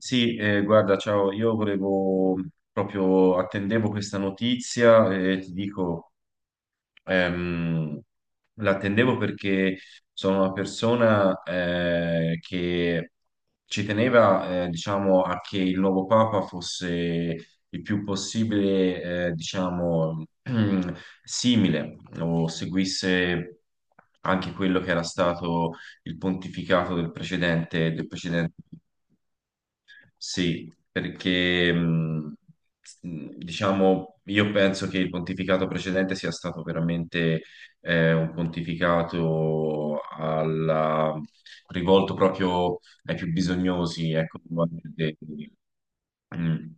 Sì, guarda, ciao, io volevo proprio attendevo questa notizia e ti dico, ehm, l'attendevo perché sono una persona che ci teneva, diciamo, a che il nuovo Papa fosse il più possibile, diciamo, simile o seguisse anche quello che era stato il pontificato del precedente, del precedente. Sì, perché diciamo, io penso che il pontificato precedente sia stato veramente un pontificato rivolto proprio ai più bisognosi, ecco, Mm.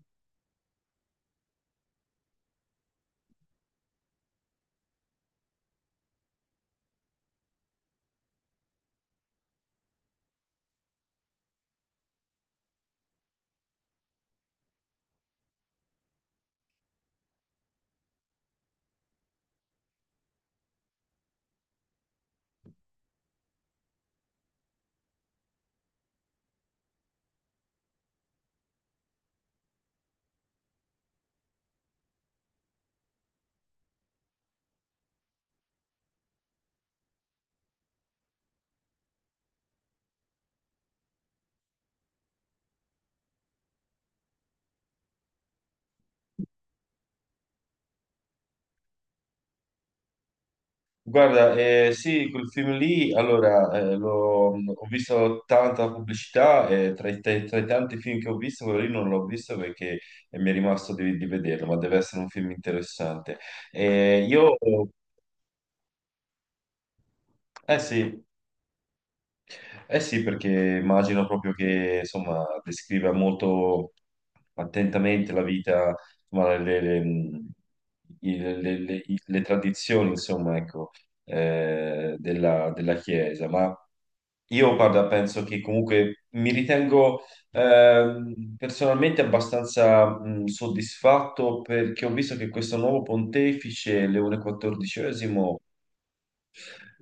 Guarda, sì, quel film lì, allora, ho visto tanta pubblicità e tra i tanti film che ho visto, quello lì non l'ho visto perché mi è rimasto di vederlo, ma deve essere un film interessante. Eh, io, eh sì, eh sì, perché immagino proprio che, insomma, descriva molto attentamente la vita, insomma, le tradizioni, insomma, ecco, della Chiesa, ma. Io, guarda, penso che comunque mi ritengo personalmente abbastanza soddisfatto perché ho visto che questo nuovo pontefice, Leone XIV.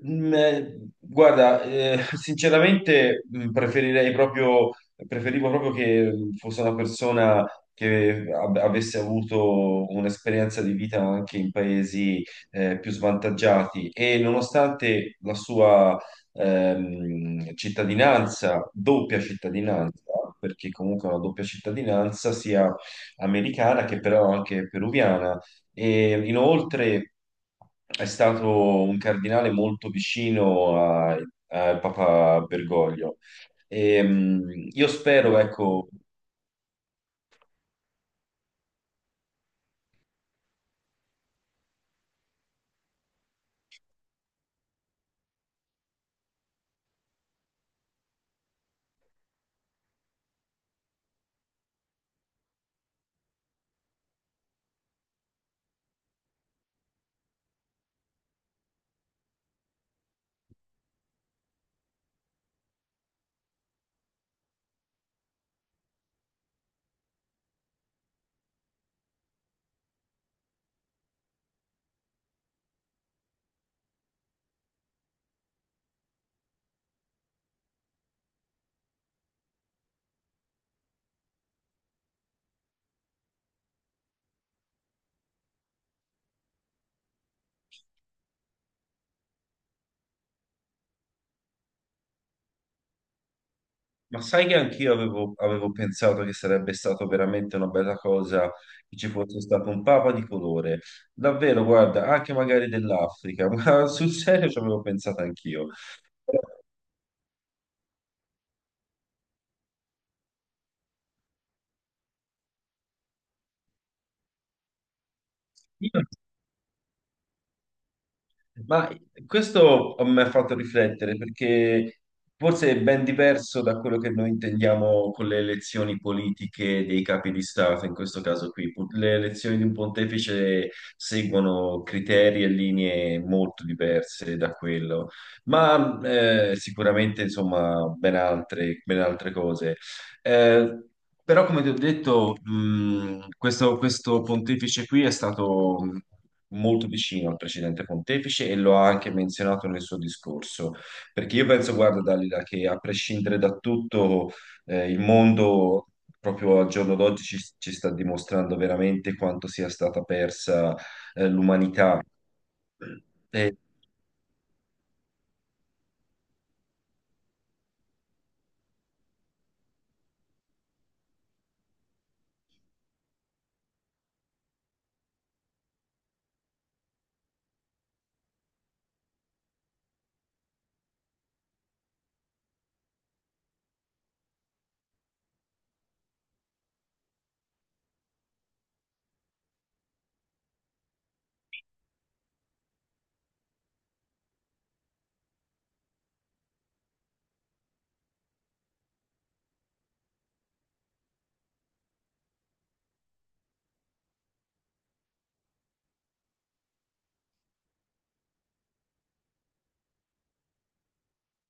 Mm. Guarda, sinceramente preferivo proprio che fosse una persona che avesse avuto un'esperienza di vita anche in paesi più svantaggiati e nonostante la sua cittadinanza, doppia cittadinanza, perché comunque è una doppia cittadinanza sia americana che però anche peruviana e inoltre è stato un cardinale molto vicino a Papa Bergoglio. E, io spero, ecco, ma sai che anch'io avevo pensato che sarebbe stato veramente una bella cosa che ci fosse stato un papa di colore. Davvero, guarda, anche magari dell'Africa, ma sul serio ci avevo pensato anch'io. Io Ma questo mi ha fatto riflettere perché forse è ben diverso da quello che noi intendiamo con le elezioni politiche dei capi di Stato, in questo caso qui. Le elezioni di un pontefice seguono criteri e linee molto diverse da quello, ma sicuramente insomma ben altre cose. Eh, però, come ti ho detto, questo pontefice qui è stato molto vicino al precedente pontefice e lo ha anche menzionato nel suo discorso. Perché io penso, guarda, Dalila, che a prescindere da tutto, il mondo proprio al giorno d'oggi ci sta dimostrando veramente quanto sia stata persa, l'umanità. E-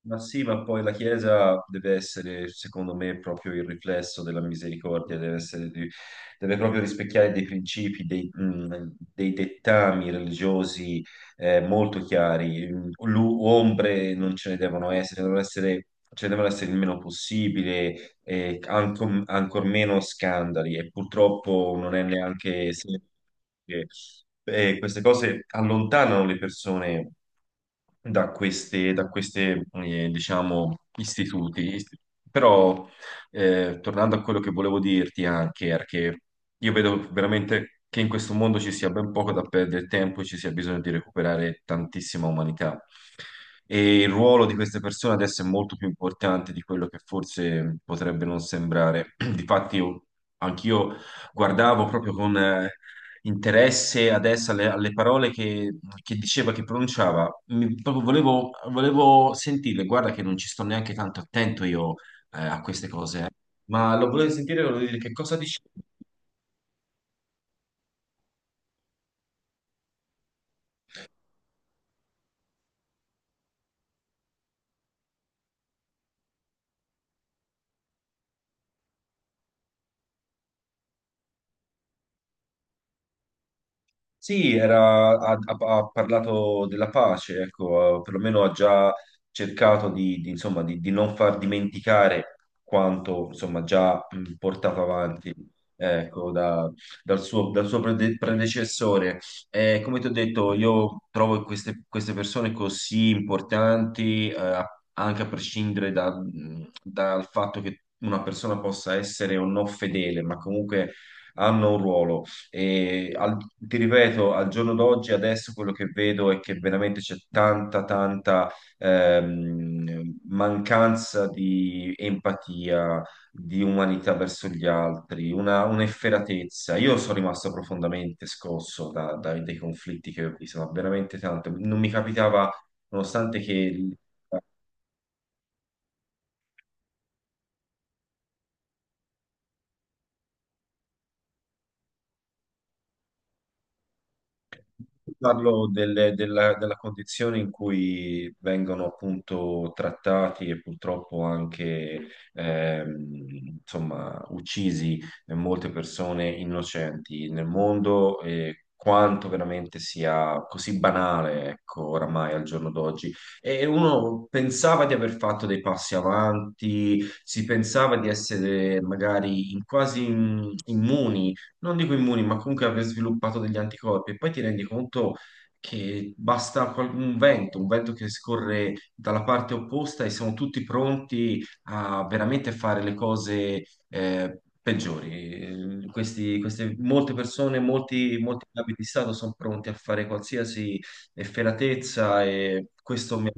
Ma sì, ma poi la Chiesa deve essere, secondo me, proprio il riflesso della misericordia, deve proprio rispecchiare dei principi, dei dettami religiosi molto chiari. Ombre non ce ne devono essere, ce ne devono essere il meno possibile, e ancor meno scandali e purtroppo non è neanche semplice. Queste cose allontanano le persone da queste diciamo, istituti. Però, tornando a quello che volevo dirti anche, era che io vedo veramente che in questo mondo ci sia ben poco da perdere tempo e ci sia bisogno di recuperare tantissima umanità. E il ruolo di queste persone adesso è molto più importante di quello che forse potrebbe non sembrare. Difatti, io, anch'io guardavo proprio con interesse adesso alle parole che diceva, che pronunciava. Proprio volevo sentirle. Guarda che non ci sto neanche tanto attento io a queste cose. Ma lo volevo sentire, volevo dire che cosa dici? Sì, ha parlato della pace, ecco, perlomeno ha già cercato insomma, di non far dimenticare quanto insomma, già portato avanti ecco, dal suo predecessore. Come ti ho detto, io trovo queste persone così importanti, anche a prescindere dal fatto che una persona possa essere o no fedele, ma comunque hanno un ruolo e ti ripeto, al giorno d'oggi, adesso quello che vedo è che veramente c'è tanta, tanta mancanza di empatia, di umanità verso gli altri, un'efferatezza. Io sono rimasto profondamente scosso dai conflitti che ho visto, ma veramente tanto. Non mi capitava, nonostante che. Parlo della condizione in cui vengono appunto trattati e purtroppo anche ehm, insomma, uccisi molte persone innocenti nel mondo e quanto veramente sia così banale, ecco, oramai al giorno d'oggi. E uno pensava di aver fatto dei passi avanti, si pensava di essere magari quasi immuni non dico immuni, ma comunque aver sviluppato degli anticorpi. E poi ti rendi conto che basta un vento che scorre dalla parte opposta e siamo tutti pronti a veramente fare le cose peggiori. Molte persone, molti capi di Stato sono pronti a fare qualsiasi efferatezza e questo mi.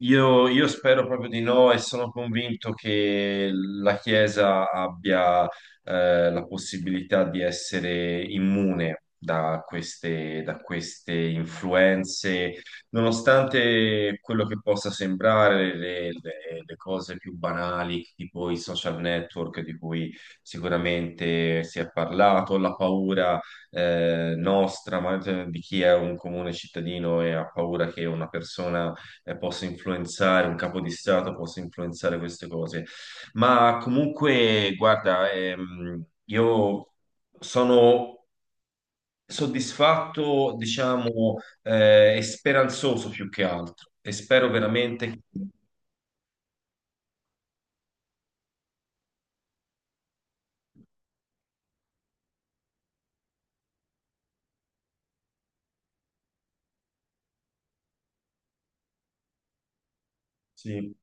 Io spero proprio di no e sono convinto che la Chiesa abbia la possibilità di essere immune da queste influenze, nonostante quello che possa sembrare le cose più banali, tipo i social network di cui sicuramente si è parlato, la paura nostra, ma cioè, di chi è un comune cittadino e ha paura che una persona possa influenzare, un capo di Stato possa influenzare queste cose. Ma comunque, guarda, io sono soddisfatto, diciamo, e speranzoso più che altro e spero veramente che. Sì.